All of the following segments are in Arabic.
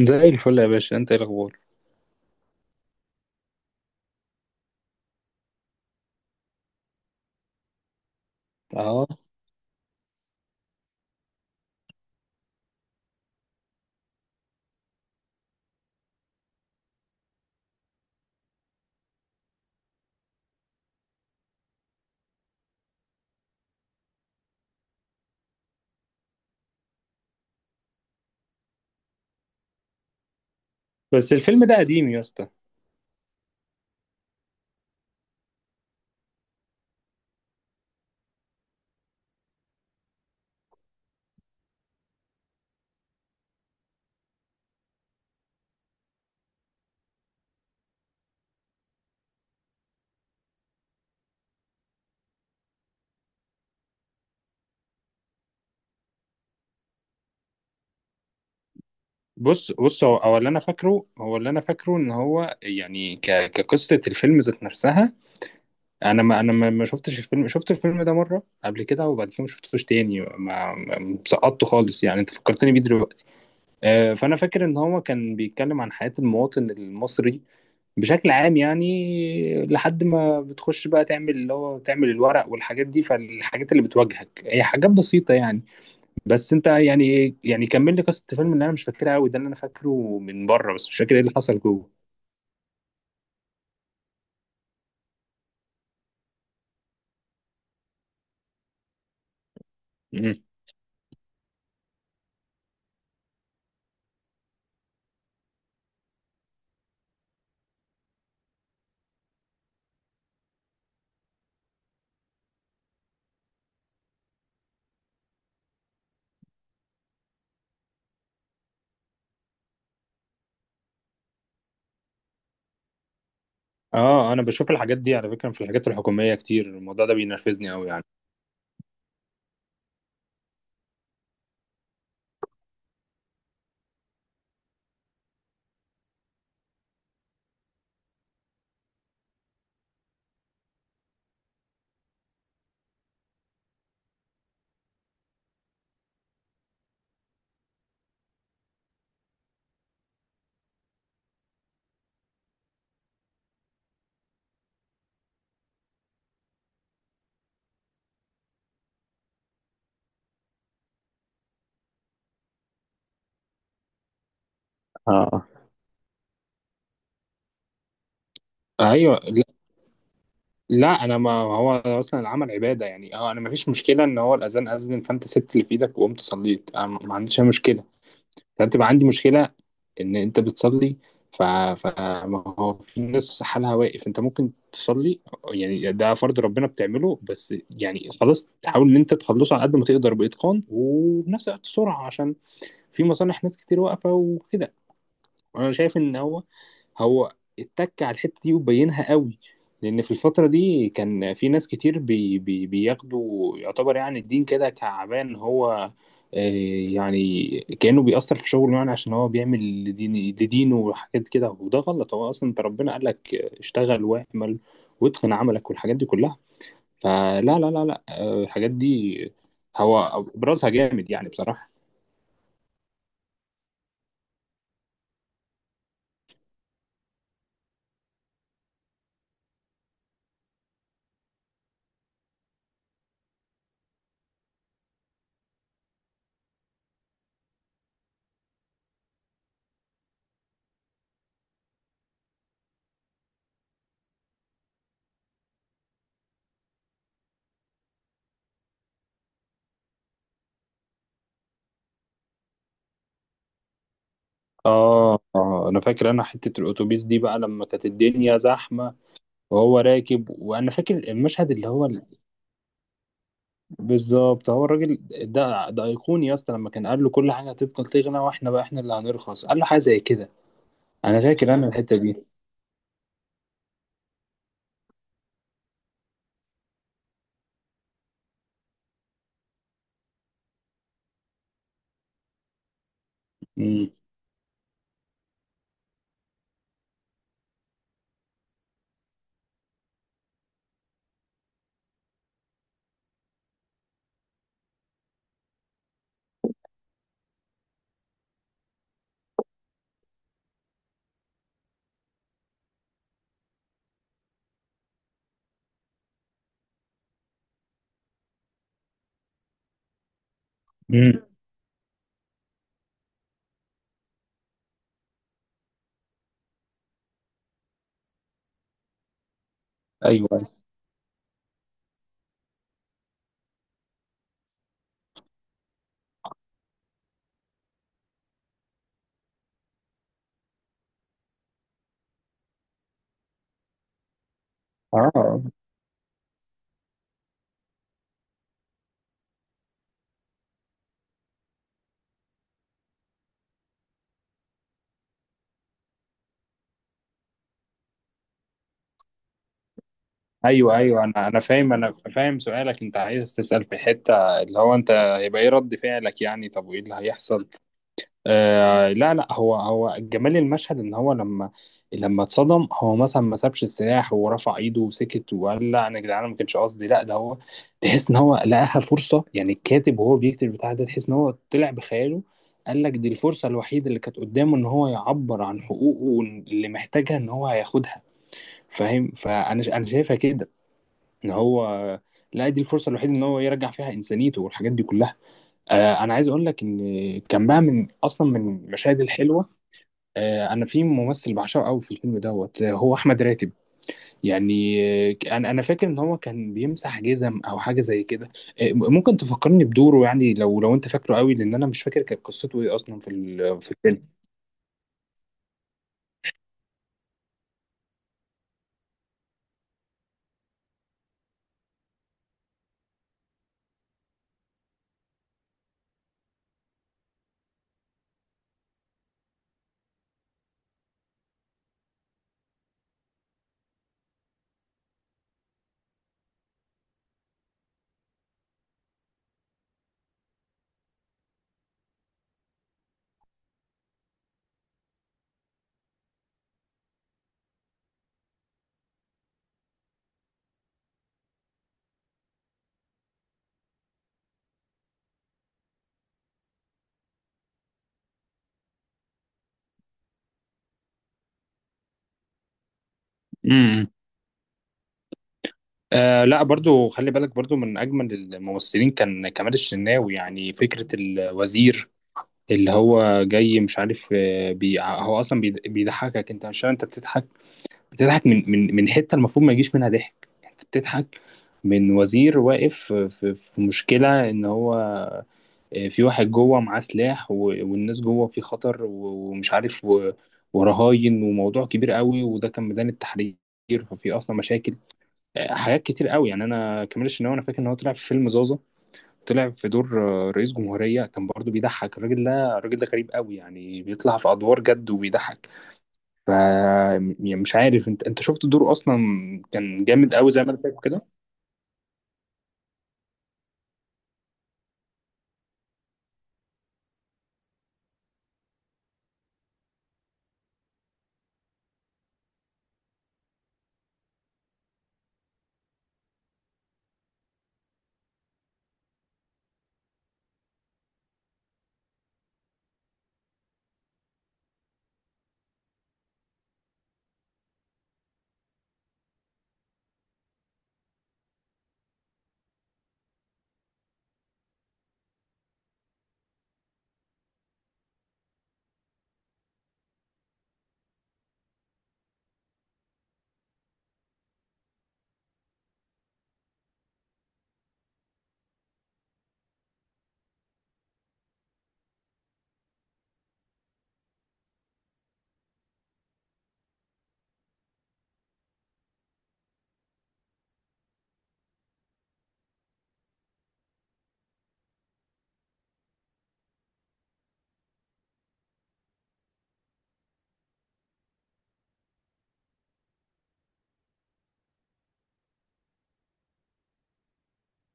زي الفل يا باشا، انت ايه الاخبار؟ اه بس الفيلم ده قديم يا اسطى. بص هو اللي انا فاكره، ان هو يعني كقصه الفيلم ذات نفسها. انا ما شفتش الفيلم، شفت الفيلم ده مره قبل كده وبعد كده ما شفتوش تاني. سقطته خالص يعني، انت فكرتني بيه دلوقتي. فانا فاكر ان هو كان بيتكلم عن حياه المواطن المصري بشكل عام، يعني لحد ما بتخش بقى تعمل اللي هو تعمل الورق والحاجات دي، فالحاجات اللي بتواجهك هي حاجات بسيطه يعني. بس انت يعني كمل لي قصه الفيلم اللي انا مش فاكرها قوي، ده اللي انا فاكره من بره بس، مش فاكر ايه اللي حصل جوه. مم. اه انا بشوف الحاجات دي على فكره في الحاجات الحكوميه كتير، الموضوع ده بينرفزني قوي يعني. اه، ايوه، لا، لا انا، ما هو اصلا العمل عباده يعني. اه انا ما فيش مشكله ان هو الاذان اذن فانت سبت اللي في ايدك وقمت صليت، أنا ما عنديش اي مشكله. فبتبقى عندي مشكلة ان انت بتصلي فما هو في ناس حالها واقف، انت ممكن تصلي. يعني ده فرض ربنا بتعمله، بس يعني خلاص، تحاول ان انت تخلصه على قد ما تقدر بإتقان وفي نفس الوقت سرعة، عشان في مصالح ناس كتير واقفة وكده. انا شايف ان هو هو اتك على الحته دي وبينها قوي، لان في الفتره دي كان في ناس كتير بي بي بياخدوا يعتبر يعني الدين كده كعبان هو. آه، يعني كانه بيأثر في شغله، يعني عشان هو بيعمل لدين لدينه وحاجات كده، وده غلط. هو اصلا انت ربنا قال لك اشتغل واعمل واتقن عملك والحاجات دي كلها. فلا لا لا لا آه، الحاجات دي هو ابرزها جامد يعني بصراحه. آه، آه، أنا فاكر أنا حتة الأتوبيس دي بقى، لما كانت الدنيا زحمة وهو راكب، وأنا فاكر المشهد اللي هو بالظبط. هو الراجل ده، ده أيقوني يا اسطى، لما كان قال له كل حاجة هتفضل تغلى وإحنا بقى إحنا اللي هنرخص، قال له حاجة زي كده. أنا فاكر أنا بالظبط الحتة دي. امم. امم. أيوه. آه، أيوه أيوه، أنا فاهم، أنا فاهم سؤالك. أنت عايز تسأل في حتة اللي هو أنت هيبقى إيه رد فعلك يعني؟ طب وإيه اللي هيحصل؟ آه، لا لا، هو جمال المشهد ان هو لما اتصدم هو مثلا ما سابش السلاح ورفع ايده وسكت وقال لا انا يا جدعان ما كانش قصدي، لا ده هو تحس ان هو لقاها فرصه. يعني الكاتب وهو بيكتب البتاع ده، تحس ان هو طلع بخياله، قال لك دي الفرصه الوحيده اللي كانت قدامه ان هو يعبر عن حقوقه اللي محتاجها ان هو هياخدها، فاهم؟ انا شايفها كده ان هو لا، دي الفرصه الوحيده ان هو يرجع فيها انسانيته والحاجات دي كلها. انا عايز اقول لك ان كان بقى من اصلا من المشاهد الحلوه. انا في ممثل بعشقه قوي في الفيلم دوت، هو احمد راتب. يعني انا فاكر ان هو كان بيمسح جزم او حاجه زي كده. ممكن تفكرني بدوره يعني، لو انت فاكره قوي، لان انا مش فاكر كانت قصته ايه اصلا في في الفيلم. امم. آه، لا برضو خلي بالك برضو من أجمل الممثلين كان كمال الشناوي، يعني فكرة الوزير اللي هو جاي مش عارف. آه، بي هو أصلا بيضحكك، أنت مش فاهم أنت بتضحك، بتضحك من حته المفروض ما يجيش منها ضحك. يعني انت بتضحك من وزير واقف في في مشكله ان هو في واحد جوه معاه سلاح، والناس جوه في خطر، ومش عارف، ورهاين وموضوع كبير قوي، وده كان ميدان التحرير، ففي اصلا مشاكل. حاجات كتير قوي يعني. انا كمال الشناوي انا فاكر ان هو طلع في فيلم زازا، طلع في دور رئيس جمهوريه، كان برضه بيضحك. الراجل ده، الراجل ده غريب قوي يعني، بيطلع في ادوار جد وبيضحك. يعني مش عارف، انت شفت دوره اصلا؟ كان جامد قوي زي ما انا فاكر كده.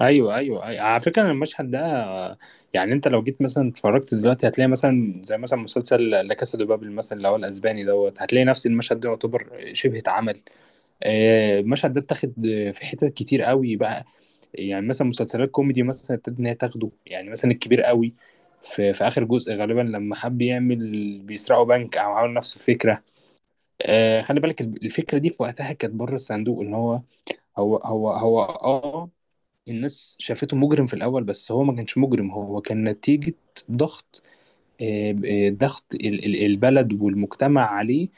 ايوه ايوه ايوه، على فكره أنا المشهد ده، يعني انت لو جيت مثلا اتفرجت دلوقتي هتلاقي مثلا زي مثلا مسلسل لا كاسا دي بابل مثلا، اللي هو الاسباني دوت، هتلاقي نفس المشهد ده يعتبر شبه اتعمل. المشهد ده اتاخد في حتت كتير قوي بقى. يعني مثلا مسلسلات كوميدي مثلا ابتدت ان هي تاخده، يعني مثلا الكبير قوي في، في اخر جزء غالبا، لما حب يعمل بيسرقوا بنك او عملوا نفس الفكره. خلي بالك الفكره دي في وقتها كانت بره الصندوق، ان هو هو هو هو اه الناس شافته مجرم في الاول، بس هو ما كانش مجرم، هو كان نتيجه ضغط. ضغط البلد والمجتمع عليه،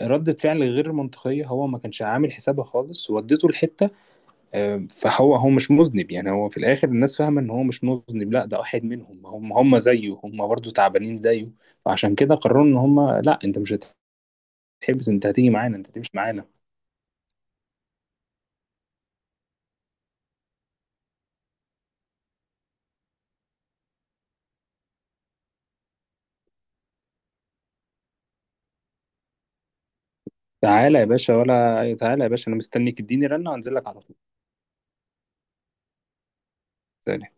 ردة فعل غير منطقية، هو ما كانش عامل حسابها خالص وديته لحتة. فهو مش مذنب يعني، هو في الآخر الناس فاهمة إن هو مش مذنب، لا ده واحد منهم، هم زيه، هم برضه تعبانين زيه، فعشان كده قرروا إن هم لا، أنت مش هتحبس، أنت هتيجي معانا، أنت هتمشي معانا. تعالى يا باشا، ولا تعالى يا باشا، انا مستنيك، اديني رنه وانزل لك على طول. سلام.